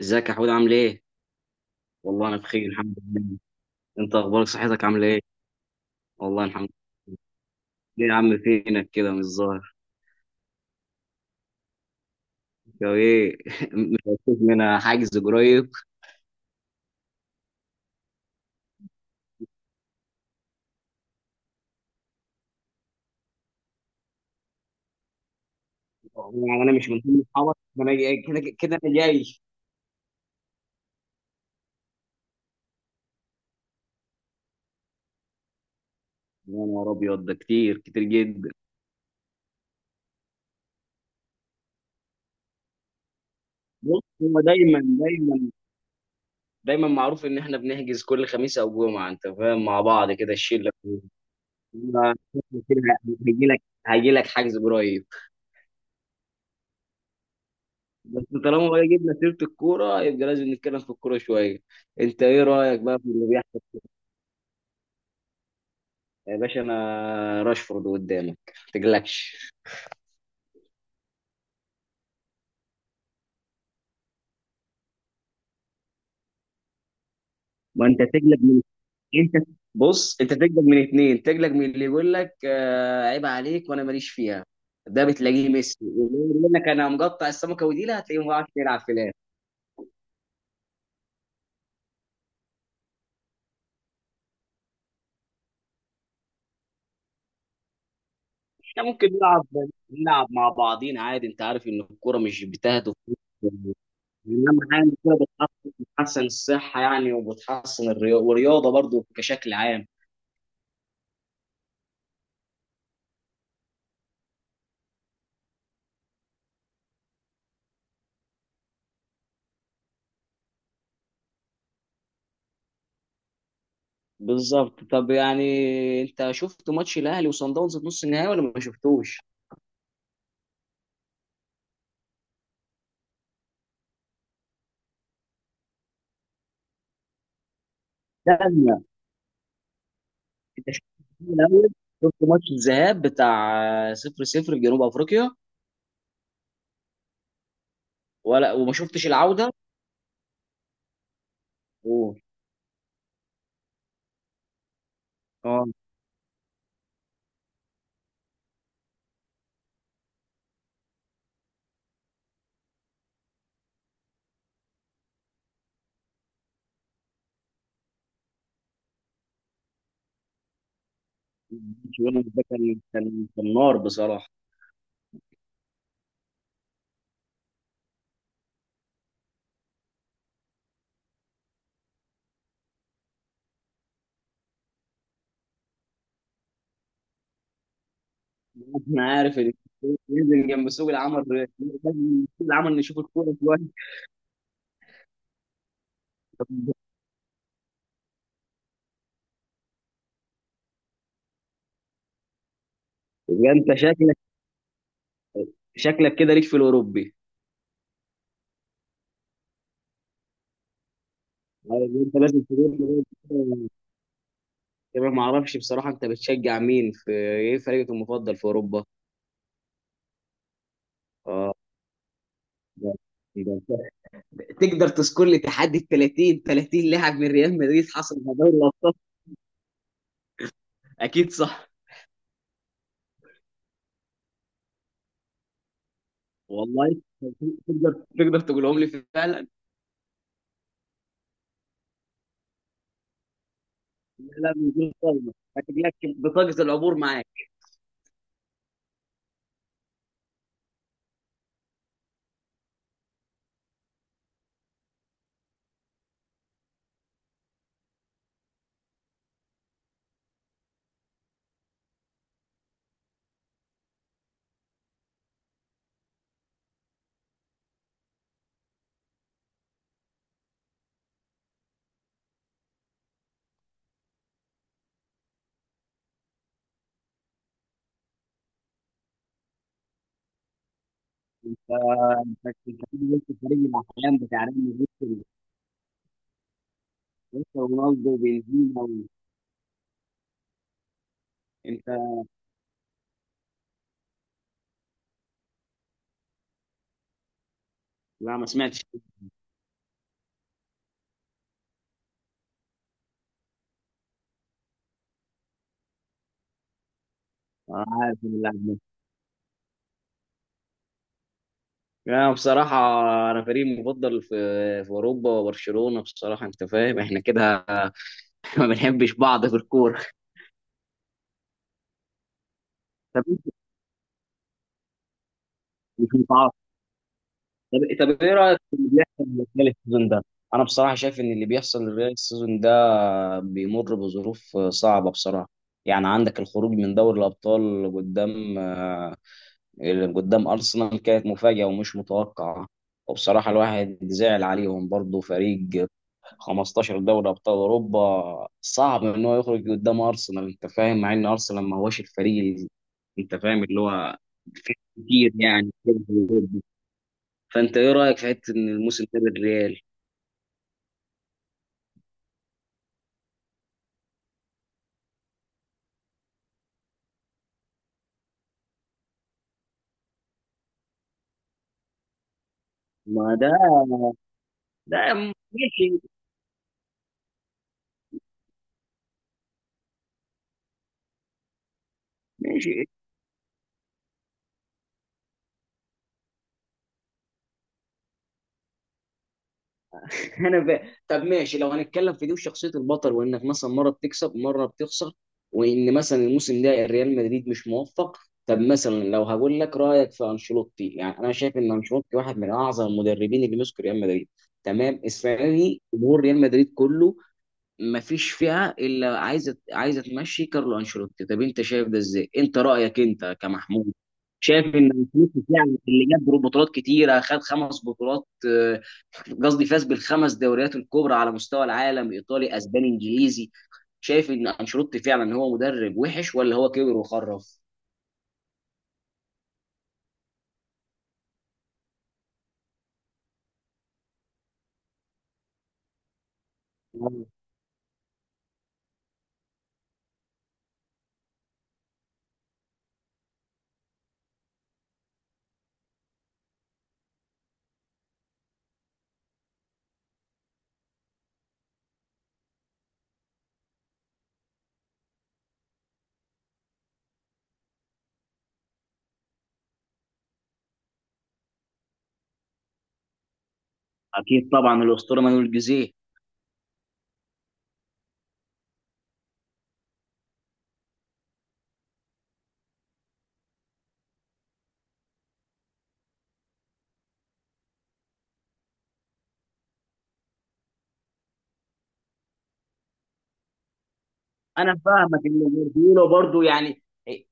ازيك يا حود، عامل ايه؟ والله انا بخير، الحمد لله. انت اخبارك؟ صحتك عامله ايه؟ والله الحمد لله. ليه يا عم فينك كده مش ظاهر؟ يا ايه مش هتشوف منها حاجز قريب؟ يعني انا مش من ضمن اصحابك؟ ما انا كده كده انا جاي. يا نهار ابيض ده كتير كتير جدا. بص هو دايما معروف ان احنا بنحجز كل خميس او جمعه، انت فاهم، مع بعض كده الشله. هيجي لك هيجي لك حجز قريب. بس طالما بقى جبنا سيرة الكورة يبقى لازم نتكلم في الكورة شوية. انت ايه رأيك بقى في اللي بيحصل؟ يا باشا انا راشفورد قدامك، ما تقلقش. ما انت تقلق من انت بص انت تقلق من اتنين. تقلق من اللي يقول لك عيب عليك وانا ماليش فيها، ده بتلاقيه ميسي. واللي يقول لك انا مقطع السمكة وديلها، هتلاقيه ما بيعرفش يلعب في الاخر. احنا ممكن نلعب مع بعضين عادي، انت عارف ان الكورة مش بتهدف. يعني اهم حاجه إن كده بتحسن الصحه، يعني وبتحسن الرياضه، والرياضه برضو كشكل عام. بالظبط. طب يعني انت شفت ماتش الاهلي وصن داونز في نص النهائي ولا ما شفتوش؟ لا لا. انت شفت الاول؟ شفت ماتش الذهاب بتاع 0-0 في جنوب افريقيا، ولا وما شفتش العوده؟ اوه. اه، ماتش يونس ده كان نار بصراحه. انا عارف ان ننزل جنب سوق العمل، ننزل جنب سوق العمل نشوف الكوره شويه. يبقى انت شكلك، شكلك كده ليك في الاوروبي. أيوة، انت لازم تقول لي كمان، ما اعرفش بصراحه انت بتشجع مين؟ في ايه فريقك المفضل في اوروبا؟ اه. ده- ده أنت تقدر تذكر لي تحدي ال 30 لاعب من ريال مدريد حصل على دوري الابطال؟ اكيد صح. والله تقدر تقدر تقولهم لي فعلا؟ لا، من غير صدمة. شكلك بطاقه العبور معاك. آه، انت أنت كده وسط فريق الاحلام بتاع ريال مدريد. لسه رونالدو وبنزيما انت. لا ما سمعتش. عارف اللاعب. يعني بصراحة أنا فريقي المفضل في أوروبا برشلونة، بصراحة أنت فاهم إحنا كده ما بنحبش بعض في الكورة. طب أنت مش متعاطف؟ طب إيه رأيك في اللي بيحصل للريال السيزون ده؟ أنا بصراحة شايف إن اللي بيحصل للريال السيزون ده بيمر بظروف صعبة، بصراحة. يعني عندك الخروج من دوري الأبطال قدام، اللي قدام أرسنال كانت مفاجأة ومش متوقعة. وبصراحة الواحد زعل عليهم برضه، فريق 15 دوري أبطال أوروبا صعب إن هو يخرج قدام أرسنال، أنت فاهم، مع إن أرسنال ما هوش الفريق أنت فاهم اللي هو فيه كتير يعني. فأنت إيه رأيك في حتة إن الموسم ده الريال؟ ما ده. ده ماشي. ماشي. انا طب ماشي، لو هنتكلم في دي وشخصيه البطل، وانك مثلا مره بتكسب مره بتخسر، وان مثلا الموسم ده الريال مدريد مش موفق. طب مثلا لو هقول لك رايك في انشيلوتي، يعني انا شايف ان انشيلوتي واحد من اعظم المدربين اللي مسكوا ريال مدريد. تمام، السنه دي جمهور ريال مدريد كله ما فيش فئه الا عايزه تمشي كارلو انشيلوتي. طب انت شايف ده ازاي؟ انت رايك انت كمحمود، شايف ان انشيلوتي فعلا اللي جاب بطولات كتيره، خد 5 بطولات. قصدي فاز بالخمس دوريات الكبرى على مستوى العالم، ايطالي اسباني انجليزي. شايف ان انشيلوتي فعلا هو مدرب وحش ولا هو كبر وخرف؟ اكيد طبعا الاسطوره مانويل جوزيه. انا فاهمك اللي جوارديولا برضو، يعني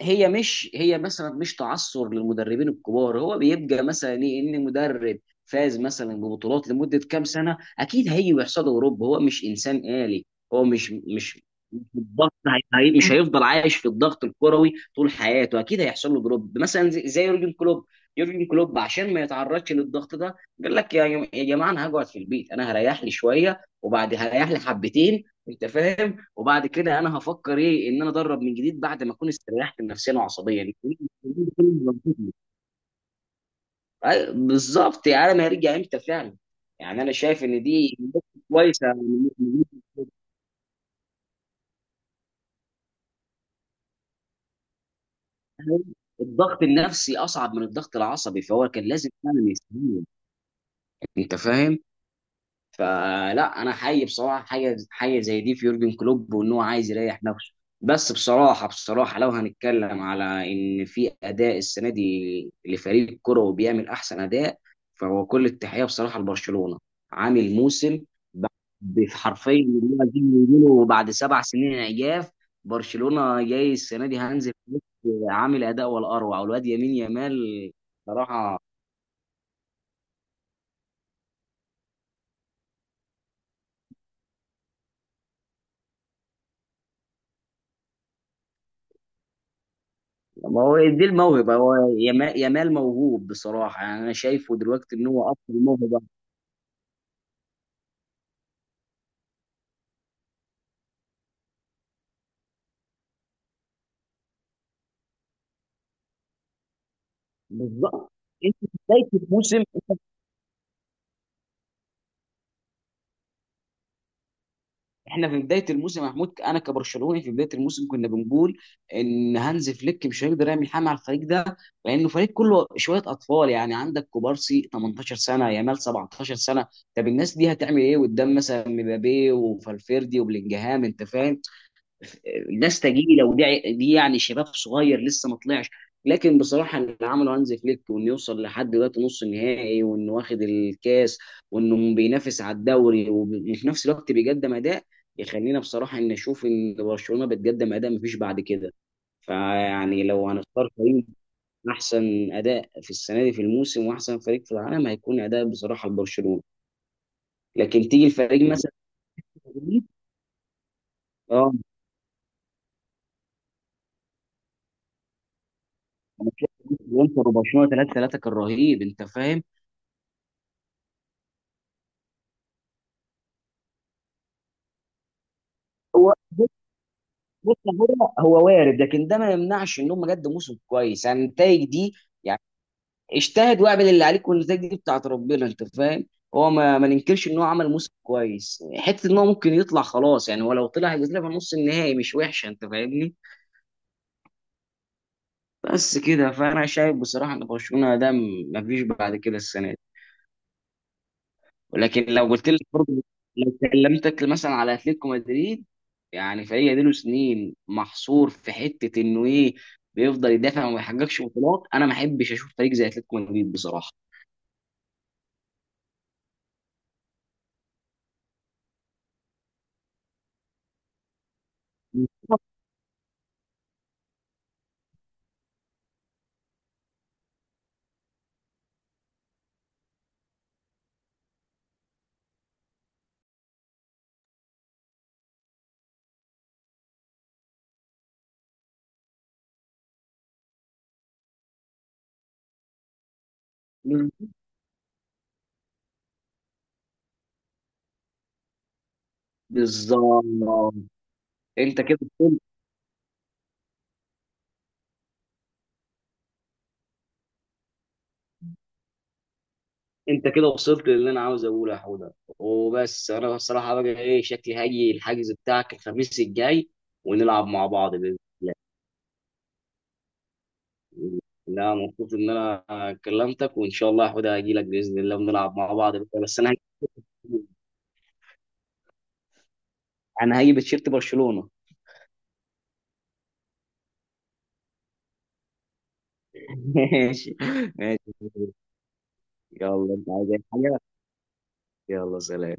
هي مش، هي مثلا مش تعثر للمدربين الكبار. هو بيبقى مثلا ايه؟ ان مدرب فاز مثلا ببطولات لمده كام سنه، اكيد هيجي ويحصد اوروبا، هو مش انسان آلي. هو مش الضغط، مش هيفضل عايش في الضغط الكروي طول حياته. اكيد هيحصل له دروب، مثلا زي يورجن كلوب. يورجن كلوب عشان ما يتعرضش للضغط ده، قال لك يا جماعه، انا هقعد في البيت، انا هريح لي شويه وبعد هريح لي حبتين، انت فاهم. وبعد كده انا هفكر ايه ان انا ادرب من جديد بعد ما اكون استريحت نفسيا وعصبيا. أي- بالظبط، يعني انا ما هرجع امتى فعلا. يعني انا شايف ان دي كويسه. الضغط النفسي اصعب من الضغط العصبي، فهو كان لازم فعلا يستمر، انت فاهم. فلا انا حي بصراحه حاجه زي دي في يورجن كلوب، وان هو عايز يريح نفسه. بس بصراحه، لو هنتكلم على ان في اداء السنه دي لفريق كروي بيعمل احسن اداء، فهو كل التحيه بصراحه لبرشلونه. عامل موسم ب- حرفيا اللي هو زي ما بيقولوا، بعد 7 سنين عياف. برشلونه جاي السنه دي هانز فليك عامل اداء ولا اروع. والواد يمين يامال صراحه. ما هو دي الموهبة، هو يامال موهوب بصراحة. يعني أنا شايفه دلوقتي إن هو أكتر موهبة. بالظبط. أنت في بداية الموسم، إحنا في بداية الموسم يا محمود، أنا كبرشلوني في بداية الموسم كنا بنقول إن هانز فليك مش هيقدر يعمل حاجة على الفريق ده، لأنه فريق كله شوية أطفال. يعني عندك كوبارسي 18 سنة، يامال 17 سنة. طب الناس دي هتعمل إيه قدام مثلا مبابي وفالفيردي وبلينجهام؟ أنت فاهم الناس تجيلي لو دي يعني شباب صغير لسه ما طلعش. لكن بصراحه اللي عمله هانز فليك، وانه يوصل لحد دلوقتي نص النهائي، وانه واخد الكاس، وانه بينافس على الدوري، وفي نفس الوقت بيقدم اداء، يخلينا بصراحه ان نشوف ان برشلونه بتقدم اداء مفيش بعد كده. فيعني لو هنختار فريق احسن اداء في السنه دي في الموسم، واحسن فريق في العالم، هيكون اداء بصراحه لبرشلونه. لكن تيجي الفريق مثلا. انا شايف انتر وبرشلونه 3-3 كان رهيب، انت فاهم. هو بص هو وارد، لكن ده ما يمنعش ان هم قدموا موسم كويس، يعني النتائج دي. يعني اجتهد واعمل اللي عليك والنتائج دي بتاعت ربنا، انت فاهم. هو ما ننكرش ان هو عمل موسم كويس، حته ان هو ممكن يطلع خلاص. يعني هو لو طلع هيبقى طلع في نص النهائي، مش وحشه انت فاهمني. بس كده. فانا شايف بصراحه ان برشلونه ده ما فيش بعد كده السنه. ولكن لو قلت لك برضه، لو كلمتك مثلا على اتلتيكو مدريد، يعني فريق له سنين محصور في حته انه ايه، بيفضل يدافع وما يحققش بطولات. انا ما احبش اشوف فريق زي اتلتيكو مدريد بصراحه. بالظبط. انت كده وصلت، انت كده وصلت للي انا عاوز اقوله يا حوده. وبس انا بصراحه بقى، ايه شكلي؟ هاجي الحجز بتاعك الخميس الجاي ونلعب مع بعض باذن الله. لا، مبسوط ان انا كلمتك، وان شاء الله هاخدها هاجي لك باذن الله ونلعب مع بعض بكره. بس انا هجيب، انا هجيب تيشيرت برشلونه. ماشي. ماشي. يلا، انت عايز أي حاجه؟ يلا سلام.